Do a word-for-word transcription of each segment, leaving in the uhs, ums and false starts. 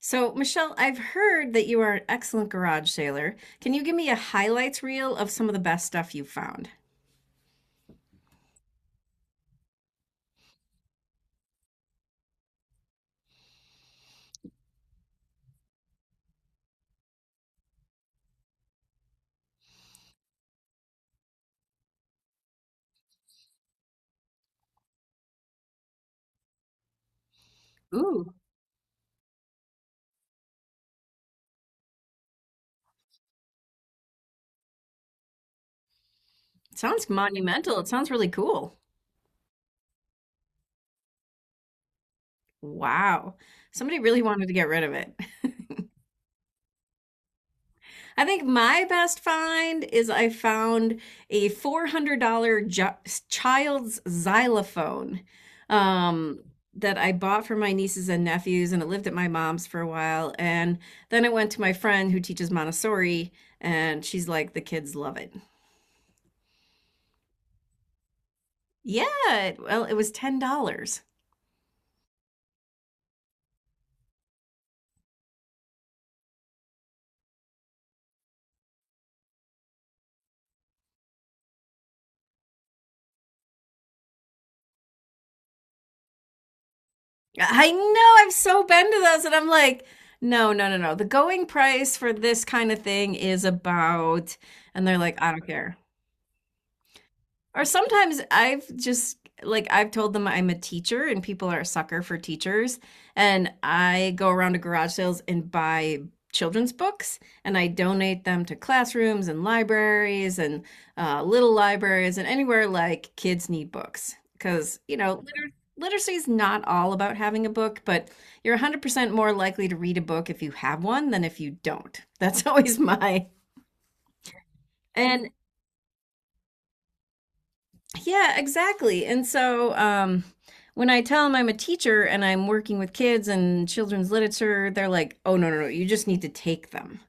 So, Michelle, I've heard that you are an excellent garage sailor. Can you give me a highlights reel of some of the best stuff you've found? Ooh. Sounds monumental. It sounds really cool. Wow. Somebody really wanted to get rid of it. I think my best find is I found a four hundred dollars child's xylophone um, that I bought for my nieces and nephews, and it lived at my mom's for a while. And then it went to my friend who teaches Montessori, and she's like, the kids love it. Yeah, it- well, it was ten dollars. I know, I've so been to those, and I'm like, no, no, no, no. The going price for this kind of thing is about, and they're like, I don't care. Or sometimes I've just like I've told them I'm a teacher and people are a sucker for teachers and I go around to garage sales and buy children's books and I donate them to classrooms and libraries and uh, little libraries and anywhere like kids need books because you know liter- literacy is not all about having a book but you're one hundred percent more likely to read a book if you have one than if you don't. That's always my and Yeah, exactly. And so um, When I tell them I'm a teacher and I'm working with kids and children's literature, they're like, "Oh no, no, no! You just need to take them.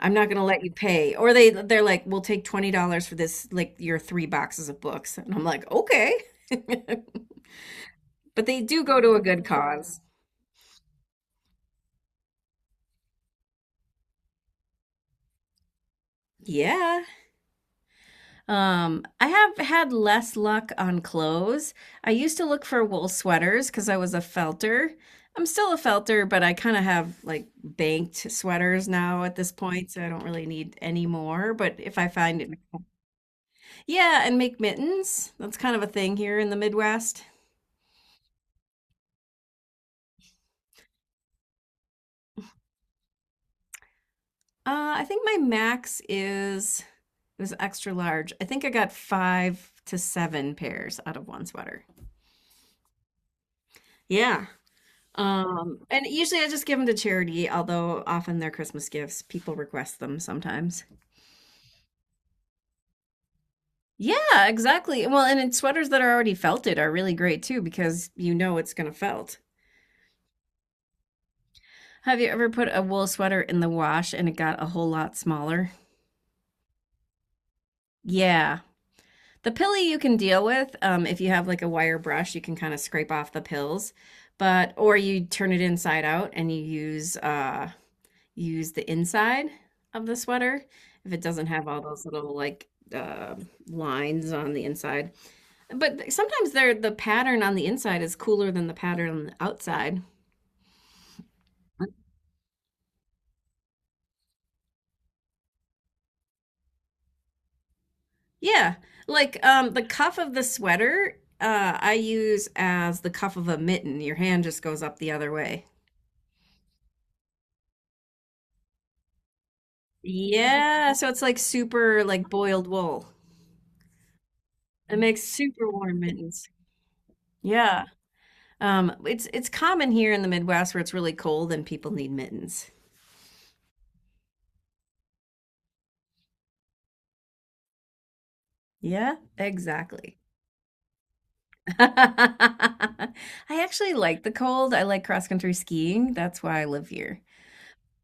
I'm not going to let you pay." Or they they're like, "We'll take twenty dollars for this, like your three boxes of books." And I'm like, "Okay," but they do go to a good cause. Yeah. Um, I have had less luck on clothes. I used to look for wool sweaters because I was a felter. I'm still a felter, but I kind of have like banked sweaters now at this point, so I don't really need any more. But if I find it, yeah, and make mittens. That's kind of a thing here in the Midwest. Uh, I think my max is it was extra large. I think I got five to seven pairs out of one sweater. Yeah. Um, and usually I just give them to charity, although often they're Christmas gifts. People request them sometimes. Yeah, exactly. Well, and it's sweaters that are already felted are really great too because you know it's gonna felt. Have you ever put a wool sweater in the wash and it got a whole lot smaller? Yeah. The pilly you can deal with. Um, if you have like a wire brush, you can kind of scrape off the pills, but or you turn it inside out and you use uh use the inside of the sweater if it doesn't have all those little like uh, lines on the inside. But th- sometimes they're the pattern on the inside is cooler than the pattern on the outside. Yeah, like um, the cuff of the sweater uh, I use as the cuff of a mitten. Your hand just goes up the other way. Yeah, so it's like super like boiled wool. It makes super warm mittens. Yeah. Um, it's it's common here in the Midwest where it's really cold and people need mittens. Yeah, exactly. I actually like the cold. I like cross-country skiing. That's why I live here.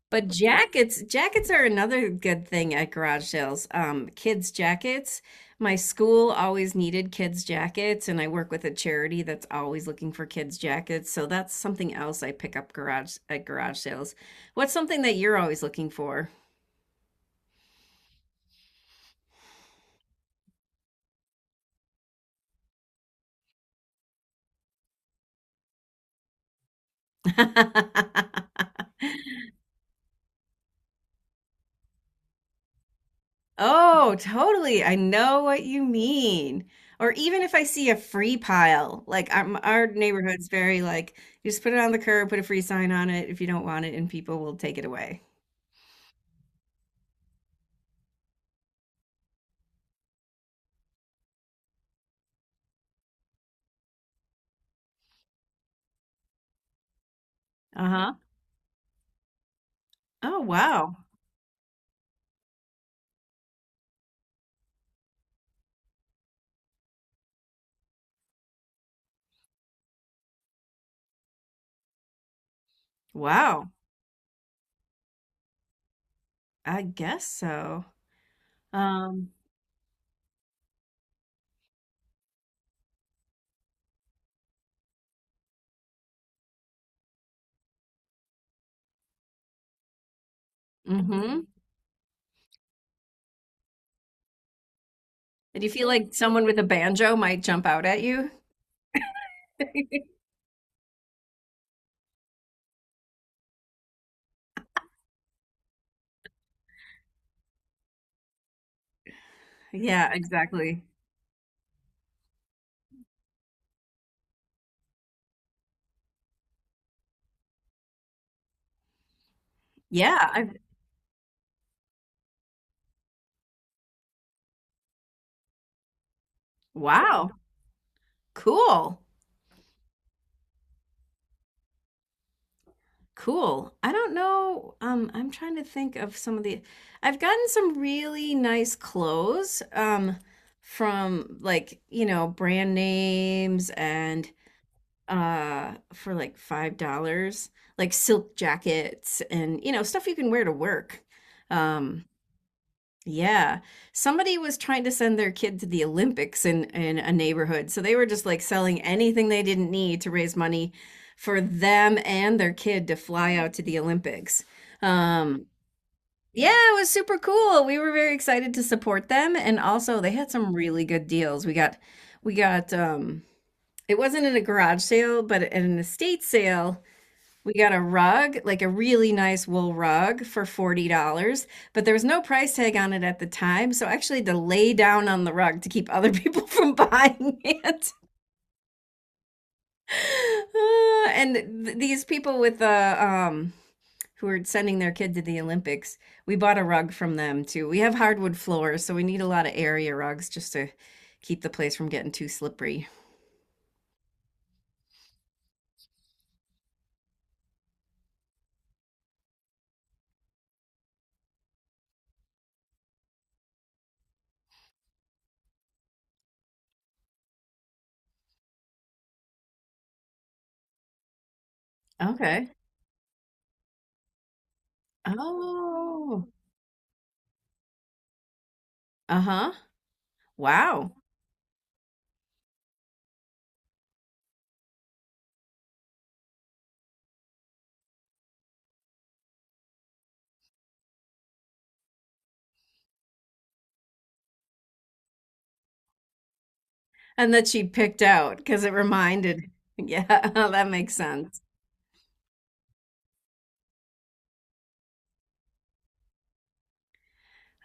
But jackets, jackets are another good thing at garage sales. Um, kids' jackets. My school always needed kids' jackets, and I work with a charity that's always looking for kids' jackets. So that's something else I pick up garage at garage sales. What's something that you're always looking for? Oh, totally. I know what you mean. Or even if I see a free pile, like um, our neighborhood's very like, you just put it on the curb, put a free sign on it if you don't want it, and people will take it away. Uh-huh. Oh, wow. Wow. I guess so. Um, mm-hmm. Do you feel like someone with a banjo might jump out at you? Yeah, exactly. Yeah, I, wow. Cool. Cool. I don't know. Um, I'm trying to think of some of the. I've gotten some really nice clothes um, from like, you know, brand names and uh, for like five dollars like silk jackets and, you know, stuff you can wear to work. Um. Yeah. Somebody was trying to send their kid to the Olympics in in a neighborhood. So they were just like selling anything they didn't need to raise money for them and their kid to fly out to the Olympics. Um, yeah, it was super cool. We were very excited to support them and also they had some really good deals. We got we got um it wasn't in a garage sale, but at an estate sale we got a rug, like a really nice wool rug for forty dollars but there was no price tag on it at the time. So I actually had to lay down on the rug to keep other people from buying it. Uh, and th These people with the um who are sending their kid to the Olympics, we bought a rug from them too. We have hardwood floors, so we need a lot of area rugs just to keep the place from getting too slippery. Okay. Oh. Uh-huh. Wow. And that she picked out because it reminded. Yeah, that makes sense.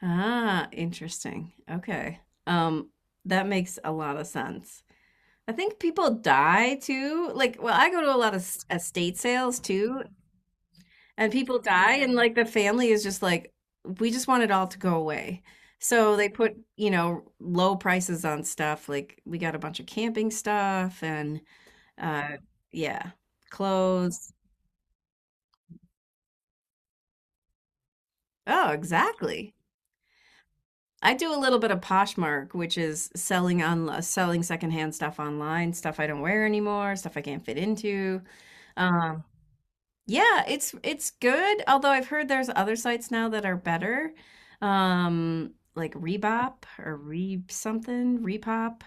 Ah, interesting. Okay. Um, that makes a lot of sense. I think people die too. Like, well, I go to a lot of s- estate sales too, and people die, and like the family is just like, we just want it all to go away. So they put, you know, low prices on stuff. Like, we got a bunch of camping stuff and, uh, yeah, clothes. Oh, exactly. I do a little bit of Poshmark, which is selling on uh, selling secondhand stuff online, stuff I don't wear anymore, stuff I can't fit into. Um, yeah, it's it's good. Although I've heard there's other sites now that are better, um, like Rebop or Re something, Repop.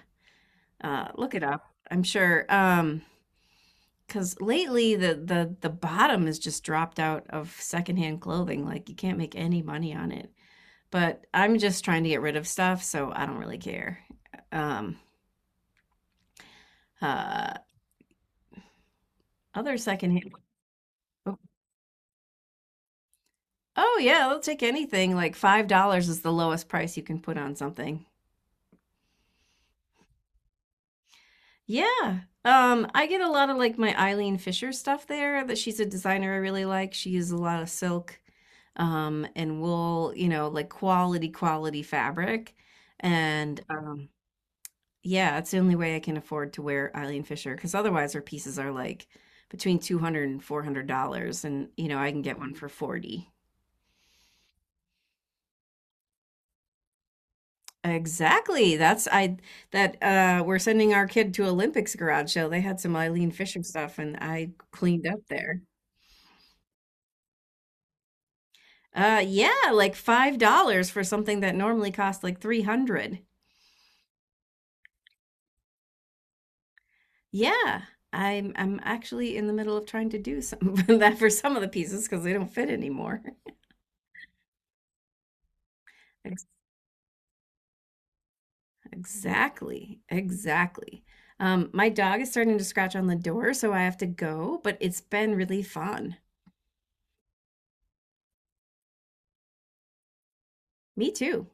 Uh, look it up. I'm sure. Um, Because lately the the the bottom has just dropped out of secondhand clothing. Like you can't make any money on it but I'm just trying to get rid of stuff, so I don't really care. Um, uh, other secondhand. Oh, oh, yeah, they'll take anything. Like five dollars is the lowest price you can put on something. Yeah. Um, I get a lot of like my Eileen Fisher stuff there that she's a designer I really like. She uses a lot of silk, um, and wool, you know, like quality, quality fabric. And um, Yeah, it's the only way I can afford to wear Eileen Fisher because otherwise her pieces are like between two hundred and four hundred dollars and you know I can get one for forty. Exactly. That's I that uh We're sending our kid to Olympics garage sale. They had some Eileen Fisher stuff and I cleaned up there. Uh yeah, like five dollars for something that normally costs like three hundred. Yeah. I'm I'm actually in the middle of trying to do some of that for some of the pieces because they don't fit anymore. Exactly. Exactly. Um, my dog is starting to scratch on the door, so I have to go, but it's been really fun. Me too.